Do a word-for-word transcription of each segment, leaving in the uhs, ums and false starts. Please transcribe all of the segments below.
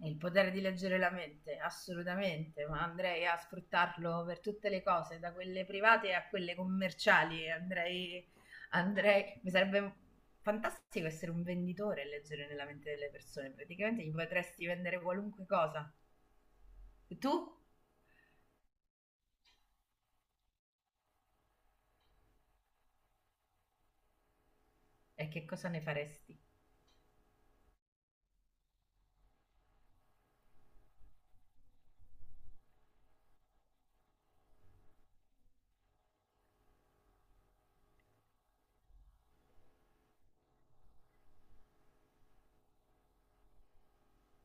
Il potere di leggere la mente, assolutamente, ma andrei a sfruttarlo per tutte le cose, da quelle private a quelle commerciali. Andrei, andrei, mi sarebbe fantastico essere un venditore e leggere nella mente delle persone. Praticamente gli potresti vendere qualunque cosa. Tu? E che cosa ne faresti?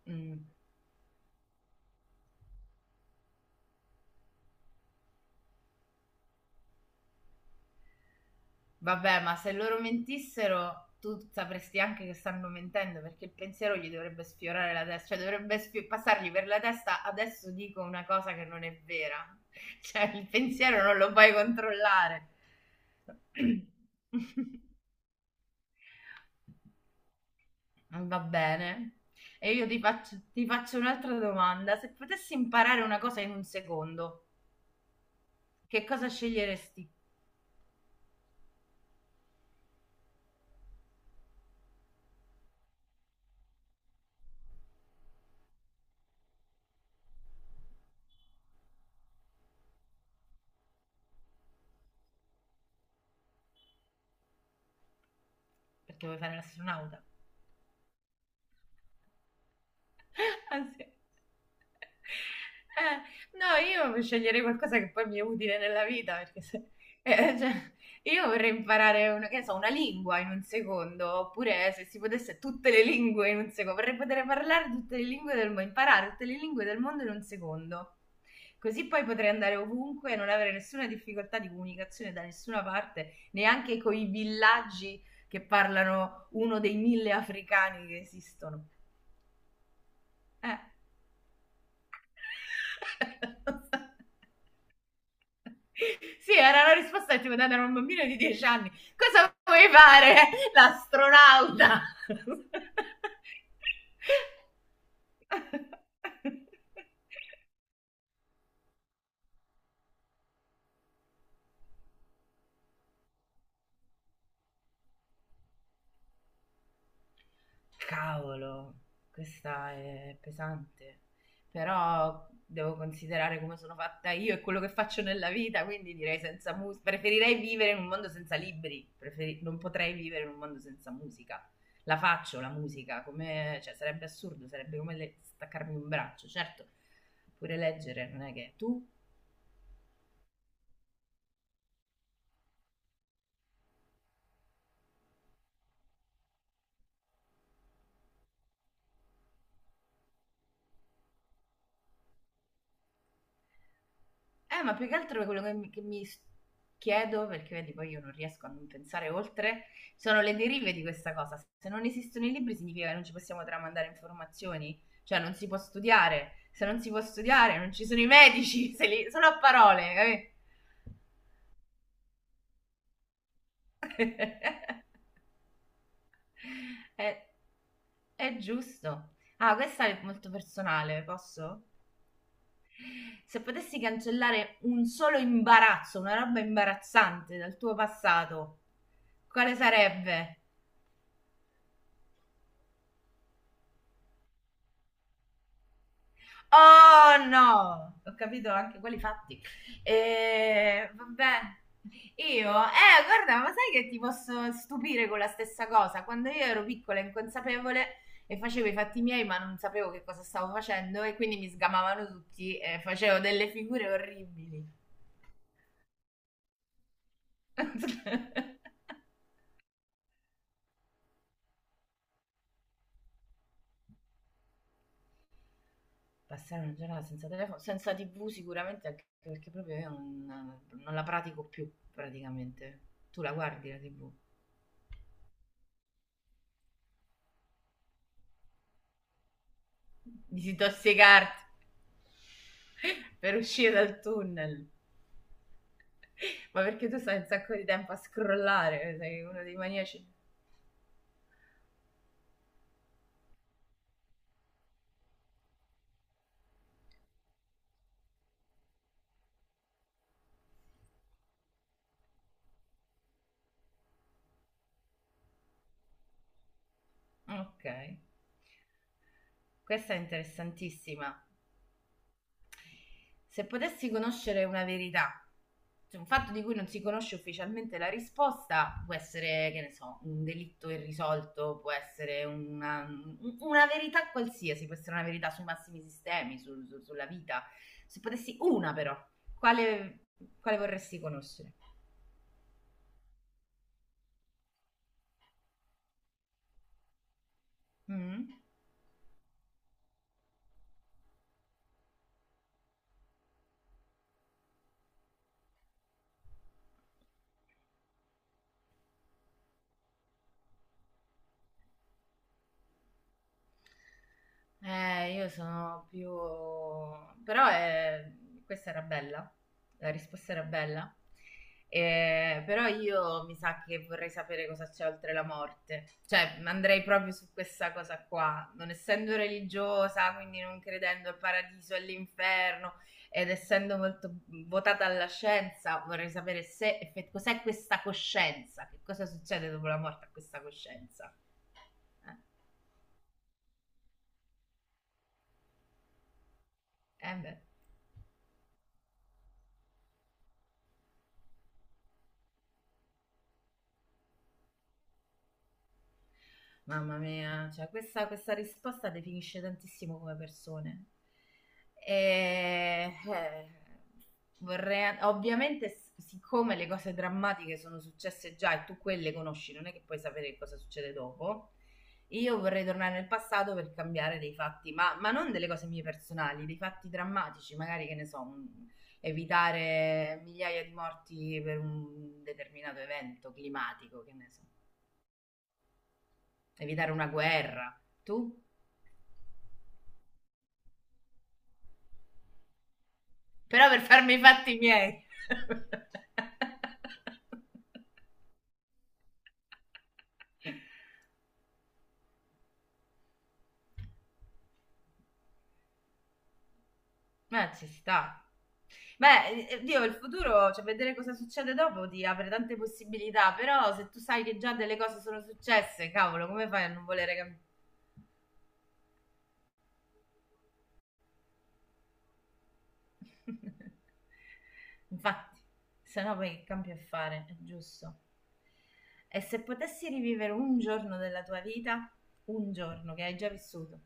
Mm. Vabbè, ma se loro mentissero, tu sapresti anche che stanno mentendo perché il pensiero gli dovrebbe sfiorare la testa, cioè dovrebbe sfi- passargli per la testa. Adesso dico una cosa che non è vera. Cioè il pensiero non lo puoi controllare. Va bene. E io ti faccio, ti faccio un'altra domanda. Se potessi imparare una cosa in un secondo, che cosa sceglieresti? Perché vuoi fare l'astronauta. Ah, sì. Eh, no, io sceglierei qualcosa che poi mi è utile nella vita, perché se... eh, eh, cioè, io vorrei imparare una, che ne so, una lingua in un secondo, oppure se si potesse tutte le lingue in un secondo, vorrei poter parlare tutte le lingue del mondo, imparare tutte le lingue del mondo in un secondo. Così poi potrei andare ovunque e non avere nessuna difficoltà di comunicazione da nessuna parte, neanche con i villaggi che parlano uno dei mille africani che esistono. Eh. Sì, era la risposta che ti poteva dare un bambino di dieci anni. Cosa vuoi fare? L'astronauta. Cavolo, questa è pesante, però devo considerare come sono fatta io e quello che faccio nella vita, quindi direi senza musica. Preferirei vivere in un mondo senza libri, preferi- non potrei vivere in un mondo senza musica. La faccio la musica, come, cioè, sarebbe assurdo, sarebbe come le- staccarmi un braccio, certo, pure leggere, non è che tu? Eh, ma più che altro quello che mi, che mi s- chiedo, perché vedi, poi io non riesco a non pensare oltre, sono le derive di questa cosa. Se non esistono i libri significa che non ci possiamo tramandare informazioni, cioè non si può studiare. Se non si può studiare, non ci sono i medici, se li- sono a parole, capì? È, è giusto. Ah, questa è molto personale, posso? Se potessi cancellare un solo imbarazzo, una roba imbarazzante dal tuo passato, quale sarebbe? Oh no! Ho capito anche quelli fatti. E, vabbè. Io, eh, guarda, ma sai che ti posso stupire con la stessa cosa? Quando io ero piccola e inconsapevole e facevo i fatti miei, ma non sapevo che cosa stavo facendo, e quindi mi sgamavano tutti e facevo delle figure orribili. Passare una giornata senza telefono, senza T V sicuramente, anche perché proprio io non, non la pratico più praticamente. Tu la guardi la T V? Di disintossicarti. Per uscire dal tunnel. Ma perché tu stai un sacco di tempo a scrollare, sei uno dei maniaci. Ok, questa è interessantissima. Se potessi conoscere una verità, cioè un fatto di cui non si conosce ufficialmente la risposta, può essere, che ne so, un delitto irrisolto, può essere una, una verità qualsiasi, può essere una verità sui massimi sistemi, sul- su- sulla vita. Se potessi una però, quale, quale vorresti conoscere? Mh. Eh, io sono più però, ehm, questa era bella, la risposta era bella. Ehm, però io mi sa che vorrei sapere cosa c'è oltre la morte. Cioè, andrei proprio su questa cosa qua. Non essendo religiosa, quindi non credendo al paradiso e all'inferno, ed essendo molto votata alla scienza, vorrei sapere se effe cos'è questa coscienza, che cosa succede dopo la morte a questa coscienza. Eh, eh beh. Mamma mia, cioè questa, questa risposta definisce tantissimo come persone. E, eh, vorrei, ovviamente, s- siccome le cose drammatiche sono successe già e tu quelle conosci, non è che puoi sapere cosa succede dopo. Io vorrei tornare nel passato per cambiare dei fatti, ma, ma non delle cose mie personali, dei fatti drammatici, magari che ne so, un- evitare migliaia di morti per un determinato evento climatico, che ne so evitare una guerra. Tu? Però per farmi i fatti miei. Ma ci sta. Beh, eh, Dio, il futuro, cioè vedere cosa succede dopo ti apre tante possibilità, però se tu sai che già delle cose sono successe, cavolo, come fai a non volere cambiare? Infatti, se no poi che cambio a fare, è giusto. E se potessi rivivere un giorno della tua vita, un giorno che hai già vissuto,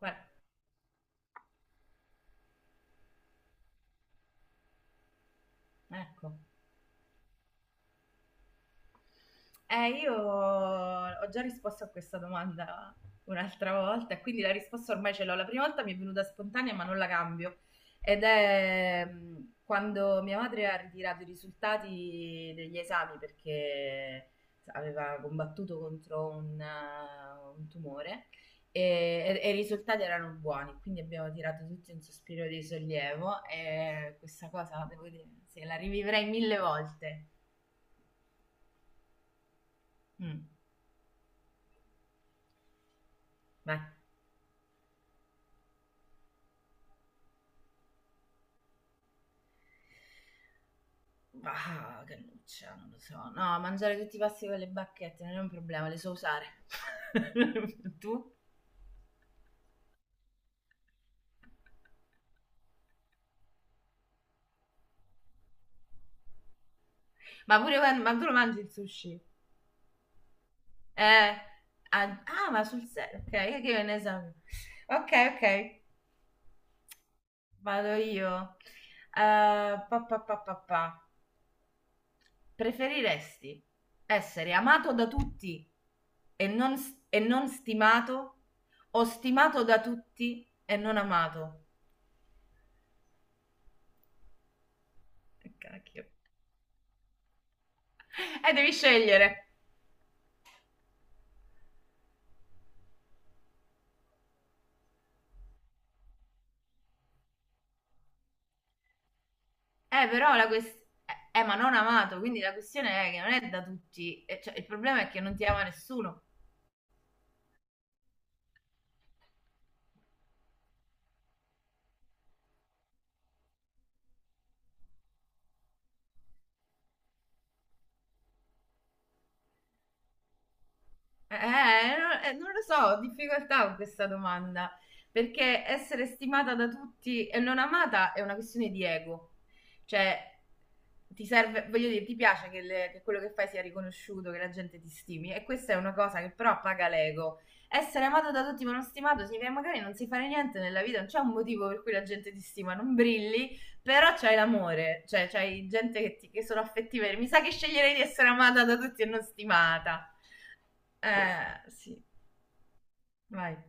guarda, ecco. Eh, io ho già risposto a questa domanda un'altra volta, e quindi la risposta ormai ce l'ho. La prima volta mi è venuta spontanea, ma non la cambio. Ed è mm, quando mia madre ha ritirato i risultati degli esami perché aveva combattuto contro un, eh, un tumore e, e- e i risultati erano buoni, quindi abbiamo tirato tutti un sospiro di sollievo e questa cosa, devo dire, se la rivivrei mille volte. Mm, vai. Ah, che nuccia, non lo so. No, mangiare tutti i pasti con le bacchette non è un problema, le so usare. Tu? Ma pure quando- ma tu lo mangi il sushi? Eh, ah, ah, ma sul serio, ok, eh, che io ne so. Ok, ok, vado io. Eh, pa, pa, pa, pa, pa. Preferiresti essere amato da tutti e non, s- e non stimato o stimato da tutti e non amato? Che cacchio. Eh, devi scegliere. Eh, però la questione... Eh, eh, ma non amato, quindi la questione è che non è da tutti. eh, cioè, il problema è che non ti ama nessuno. Eh, eh, eh, non, eh, non lo so, ho difficoltà con questa domanda. Perché essere stimata da tutti e non amata è una questione di ego. Cioè, ti serve, voglio dire, ti piace che, le- che quello che fai sia riconosciuto, che la gente ti stimi e questa è una cosa che però paga l'ego. Essere amato da tutti ma non stimato significa che magari non sai fare niente nella vita, non c'è un motivo per cui la gente ti stima, non brilli, però c'hai l'amore, cioè c'hai gente che, ti- che sono affettive. Mi sa che sceglierei di essere amata da tutti e non stimata. Eh, sì, vai.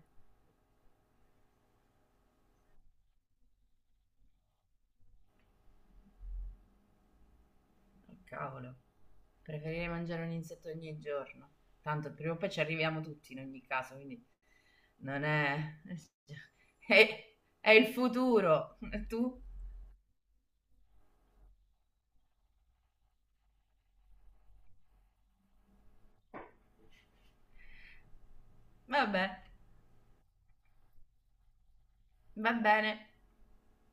Oh, cavolo, preferirei mangiare un insetto ogni giorno. Tanto prima o poi ci arriviamo tutti in ogni caso, quindi Non è... è... è il futuro. E tu? Vabbè, va bene.